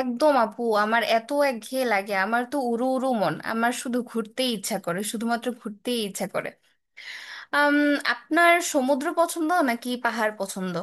একদম আপু, আমার এত একঘেয়ে লাগে। আমার তো উড়ু উড়ু মন, আমার শুধু ঘুরতেই ইচ্ছা করে, শুধুমাত্র ঘুরতেই ইচ্ছা করে। আম, আপনার সমুদ্র পছন্দ নাকি পাহাড় পছন্দ?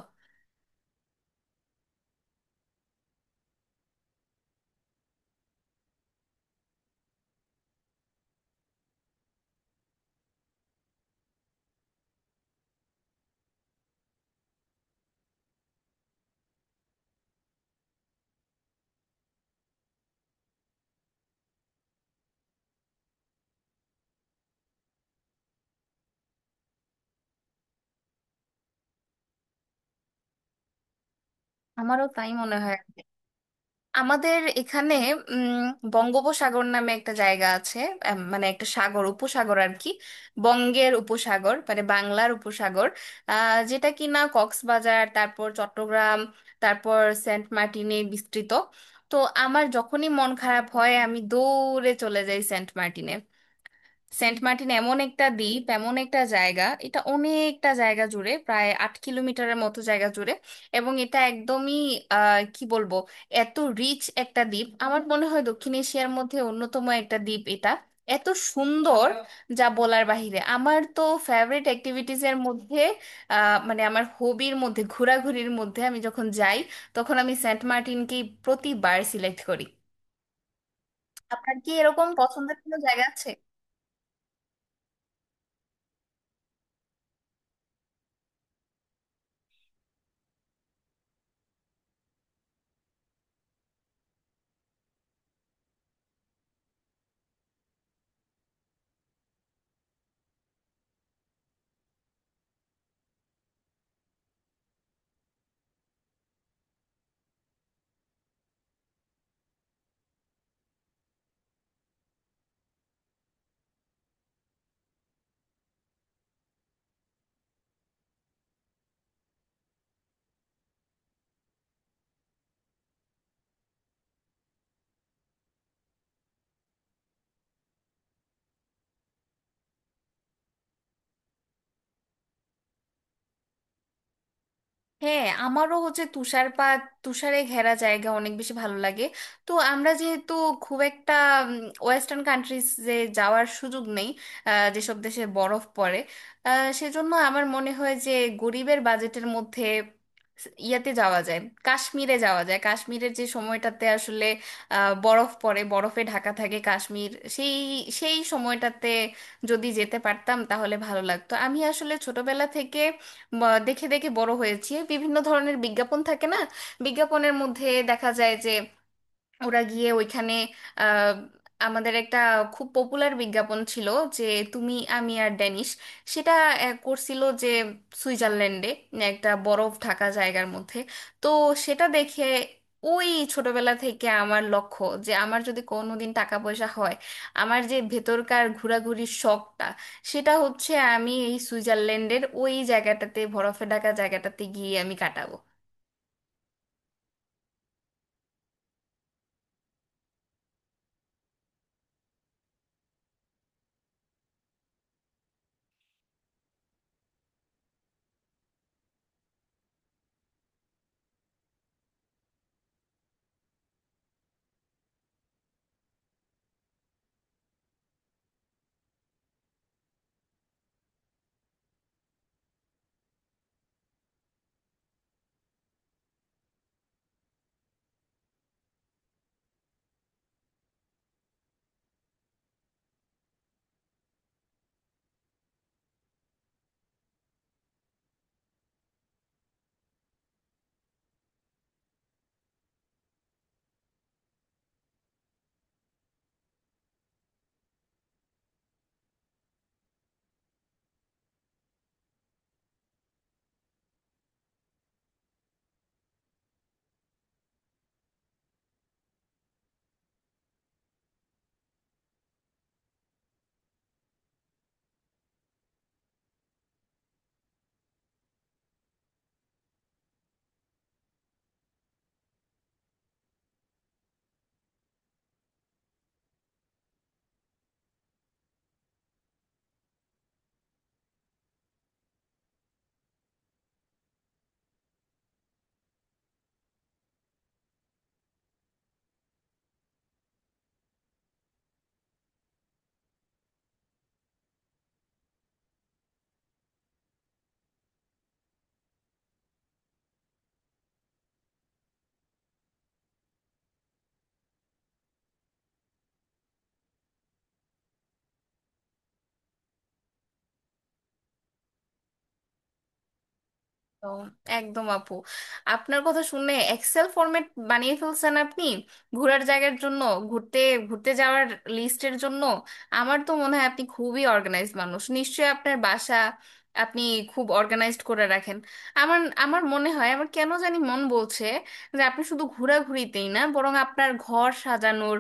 আমারও তাই মনে হয়। আমাদের এখানে উম, বঙ্গোপসাগর নামে একটা জায়গা আছে। মানে একটা সাগর, উপসাগর আর কি। বঙ্গের উপসাগর, মানে বাংলার উপসাগর। যেটা কিনা কক্সবাজার, তারপর চট্টগ্রাম, তারপর সেন্ট মার্টিনে বিস্তৃত। তো আমার যখনই মন খারাপ হয়, আমি দৌড়ে চলে যাই সেন্ট মার্টিনে। সেন্ট মার্টিন এমন একটা দ্বীপ, এমন একটা জায়গা, এটা অনেকটা জায়গা জুড়ে, প্রায় 8 কিলোমিটারের মতো জায়গা জুড়ে। এবং এটা একদমই কি বলবো, এত রিচ একটা দ্বীপ। আমার মনে হয় দক্ষিণ এশিয়ার মধ্যে অন্যতম একটা দ্বীপ এটা। এত সুন্দর যা বলার বাহিরে। আমার তো ফেভারিট অ্যাক্টিভিটিজ এর মধ্যে, মানে আমার হবির মধ্যে, ঘোরাঘুরির মধ্যে আমি যখন যাই, তখন আমি সেন্ট মার্টিনকেই প্রতিবার সিলেক্ট করি। আপনার কি এরকম পছন্দের কোনো জায়গা আছে? হ্যাঁ, আমারও হচ্ছে তুষারপাত, তুষারে ঘেরা জায়গা অনেক বেশি ভালো লাগে। তো আমরা যেহেতু খুব একটা ওয়েস্টার্ন কান্ট্রিজ যে যাওয়ার সুযোগ নেই, যেসব দেশে বরফ পড়ে, আহ, সেজন্য আমার মনে হয় যে গরিবের বাজেটের মধ্যে ইয়াতে যাওয়া যায়, কাশ্মীরে যাওয়া যায়। কাশ্মীরের যে সময়টাতে আসলে বরফ পড়ে, বরফে ঢাকা থাকে কাশ্মীর, সেই সেই সময়টাতে যদি যেতে পারতাম তাহলে ভালো লাগতো। আমি আসলে ছোটবেলা থেকে দেখে দেখে বড় হয়েছি। বিভিন্ন ধরনের বিজ্ঞাপন থাকে না, বিজ্ঞাপনের মধ্যে দেখা যায় যে ওরা গিয়ে ওইখানে, আহ, আমাদের একটা খুব পপুলার বিজ্ঞাপন ছিল যে তুমি আমি আর ড্যানিশ, সেটা করছিল যে সুইজারল্যান্ডে একটা বরফ ঢাকা জায়গার মধ্যে। তো সেটা দেখে ওই ছোটবেলা থেকে আমার লক্ষ্য যে আমার যদি কোনোদিন টাকা পয়সা হয়, আমার যে ভেতরকার ঘোরাঘুরির শখটা, সেটা হচ্ছে আমি এই সুইজারল্যান্ডের ওই জায়গাটাতে, বরফে ঢাকা জায়গাটাতে গিয়ে আমি কাটাবো। একদম একদম আপু, আপনার কথা শুনে এক্সেল ফরম্যাট বানিয়ে ফেলছেন আপনি ঘোরার জায়গার জন্য, ঘুরতে ঘুরতে যাওয়ার লিস্টের জন্য। আমার তো মনে হয় আপনি খুবই অর্গানাইজড মানুষ, নিশ্চয়ই আপনার বাসা আপনি খুব অর্গানাইজড করে রাখেন। আমার আমার মনে হয়, আমার কেন জানি মন বলছে যে আপনি শুধু ঘোরাঘুরিতেই না, বরং আপনার ঘর সাজানোর,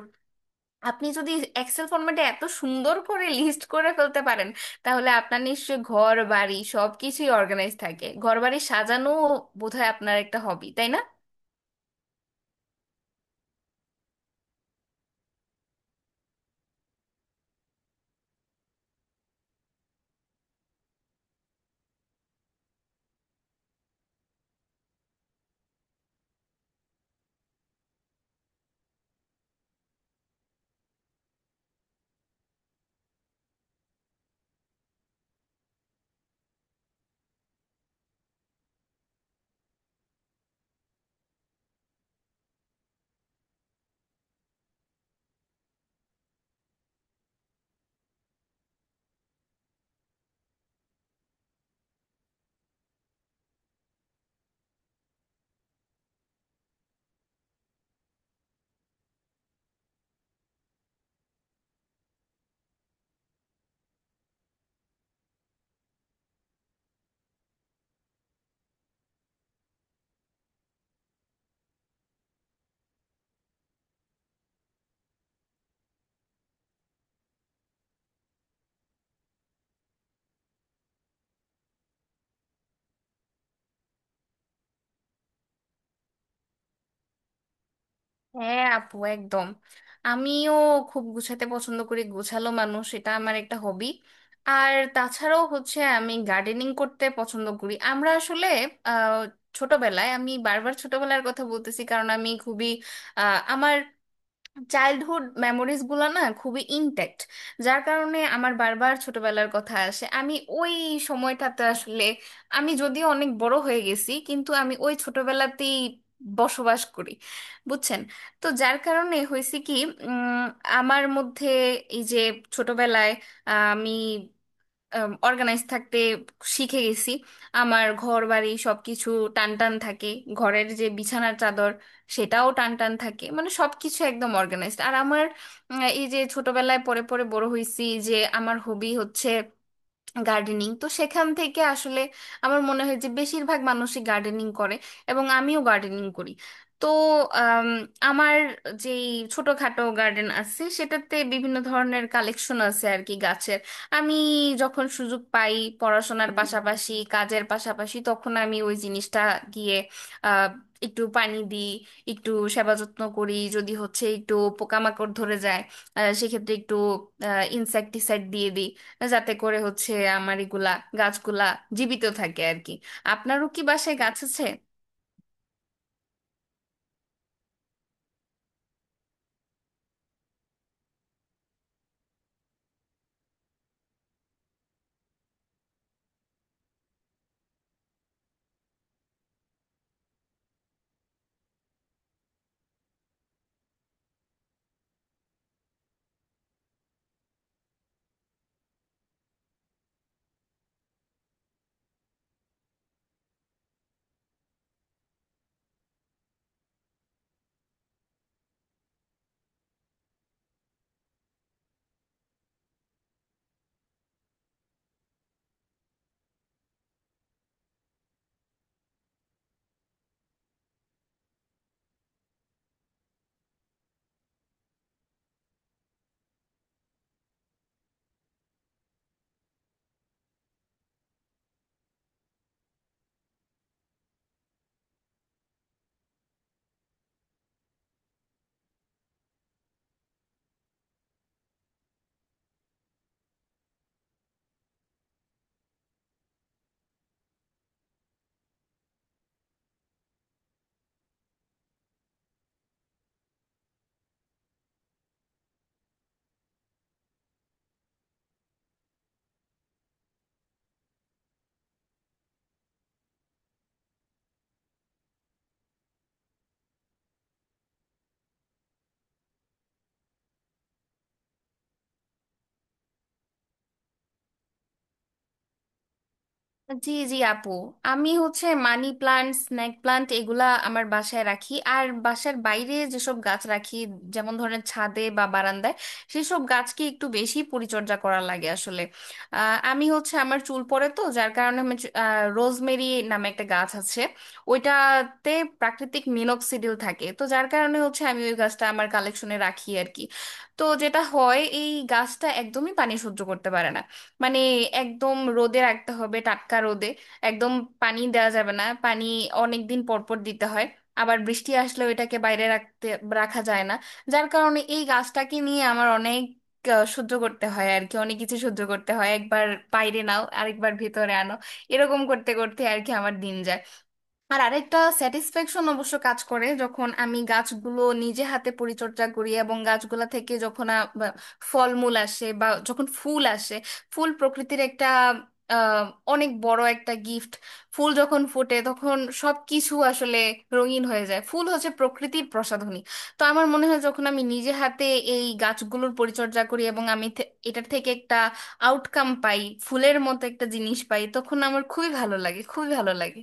আপনি যদি এক্সেল ফরম্যাটে এত সুন্দর করে লিস্ট করে ফেলতে পারেন, তাহলে আপনার নিশ্চয়ই ঘর বাড়ি সবকিছুই অর্গানাইজ থাকে। ঘর বাড়ি সাজানো বোধহয় আপনার একটা হবি, তাই না? হ্যাঁ আপু, একদম। আমিও খুব গুছাতে পছন্দ করি, গোছালো মানুষ, এটা আমার একটা হবি। আর তাছাড়াও হচ্ছে আমি গার্ডেনিং করতে পছন্দ করি। আমরা আসলে আহ, ছোটবেলায়, আমি বারবার ছোটবেলার কথা বলতেছি কারণ আমি খুবই আমার চাইল্ডহুড মেমোরিজ গুলা না খুবই ইনট্যাক্ট, যার কারণে আমার বারবার ছোটবেলার কথা আসে। আমি ওই সময়টাতে আসলে, আমি যদিও অনেক বড় হয়ে গেছি কিন্তু আমি ওই ছোটবেলাতেই বসবাস করি, বুঝছেন। তো যার কারণে হয়েছে কি, উম, আমার মধ্যে এই যে ছোটবেলায় আমি অর্গানাইজ থাকতে শিখে গেছি। আমার ঘর বাড়ি সবকিছু টান টান থাকে, ঘরের যে বিছানার চাদর সেটাও টান টান থাকে, মানে সবকিছু একদম অর্গানাইজড। আর আমার এই যে ছোটবেলায় পরে পরে বড় হয়েছি, যে আমার হবি হচ্ছে গার্ডেনিং, তো সেখান থেকে আসলে আমার মনে হয় যে বেশিরভাগ মানুষই গার্ডেনিং করে, এবং আমিও গার্ডেনিং করি। তো আম, আমার যে ছোটখাটো গার্ডেন আছে সেটাতে বিভিন্ন ধরনের কালেকশন আছে আর কি, গাছের। আমি যখন সুযোগ পাই, পড়াশোনার পাশাপাশি কাজের পাশাপাশি, তখন আমি ওই জিনিসটা গিয়ে আহ, একটু পানি দিই, একটু সেবা যত্ন করি। যদি হচ্ছে একটু পোকামাকড় ধরে যায়, সেক্ষেত্রে একটু ইনসেক্টিসাইড দিয়ে দিই, যাতে করে হচ্ছে আমার এগুলা গাছগুলা জীবিত থাকে আর কি। আপনারও কি বাসায় গাছ আছে? জি জি আপু, আমি হচ্ছে মানি প্লান্ট, স্নেক প্লান্ট, এগুলা আমার বাসায় রাখি। আর বাসার বাইরে যেসব গাছ রাখি, যেমন ধরেন ছাদে বা বারান্দায়, সেসব গাছকে একটু বেশি পরিচর্যা করা লাগে আসলে। আমি হচ্ছে আমার চুল পড়ে, তো যার কারণে আমি রোজমেরি নামে একটা গাছ আছে, ওইটাতে প্রাকৃতিক মিনক্সিডিল থাকে, তো যার কারণে হচ্ছে আমি ওই গাছটা আমার কালেকশনে রাখি আর কি। তো যেটা হয়, এই গাছটা একদমই পানি সহ্য করতে পারে না। মানে একদম রোদে রাখতে হবে, টাটকা রোদে। একদম পানি দেওয়া যাবে না, পানি অনেক দিন পর পর দিতে হয়। আবার বৃষ্টি আসলেও এটাকে বাইরে রাখতে রাখা যায় না। যার কারণে এই গাছটাকে নিয়ে আমার অনেক সহ্য করতে হয় আর কি, অনেক কিছু সহ্য করতে হয়। একবার বাইরে নাও, আরেকবার ভেতরে আনো, এরকম করতে করতে আর কি আমার দিন যায়। আর আরেকটা স্যাটিসফ্যাকশন অবশ্য কাজ করে, যখন আমি গাছগুলো নিজে হাতে পরিচর্যা করি এবং গাছগুলা থেকে যখন ফলমূল আসে বা যখন ফুল আসে। ফুল প্রকৃতির একটা আহ, অনেক বড় একটা গিফট। ফুল যখন ফোটে তখন সব কিছু আসলে রঙিন হয়ে যায়, ফুল হচ্ছে প্রকৃতির প্রসাধনী। তো আমার মনে হয়, যখন আমি নিজে হাতে এই গাছগুলোর পরিচর্যা করি এবং আমি এটার থেকে একটা আউটকাম পাই, ফুলের মতো একটা জিনিস পাই, তখন আমার খুবই ভালো লাগে, খুবই ভালো লাগে।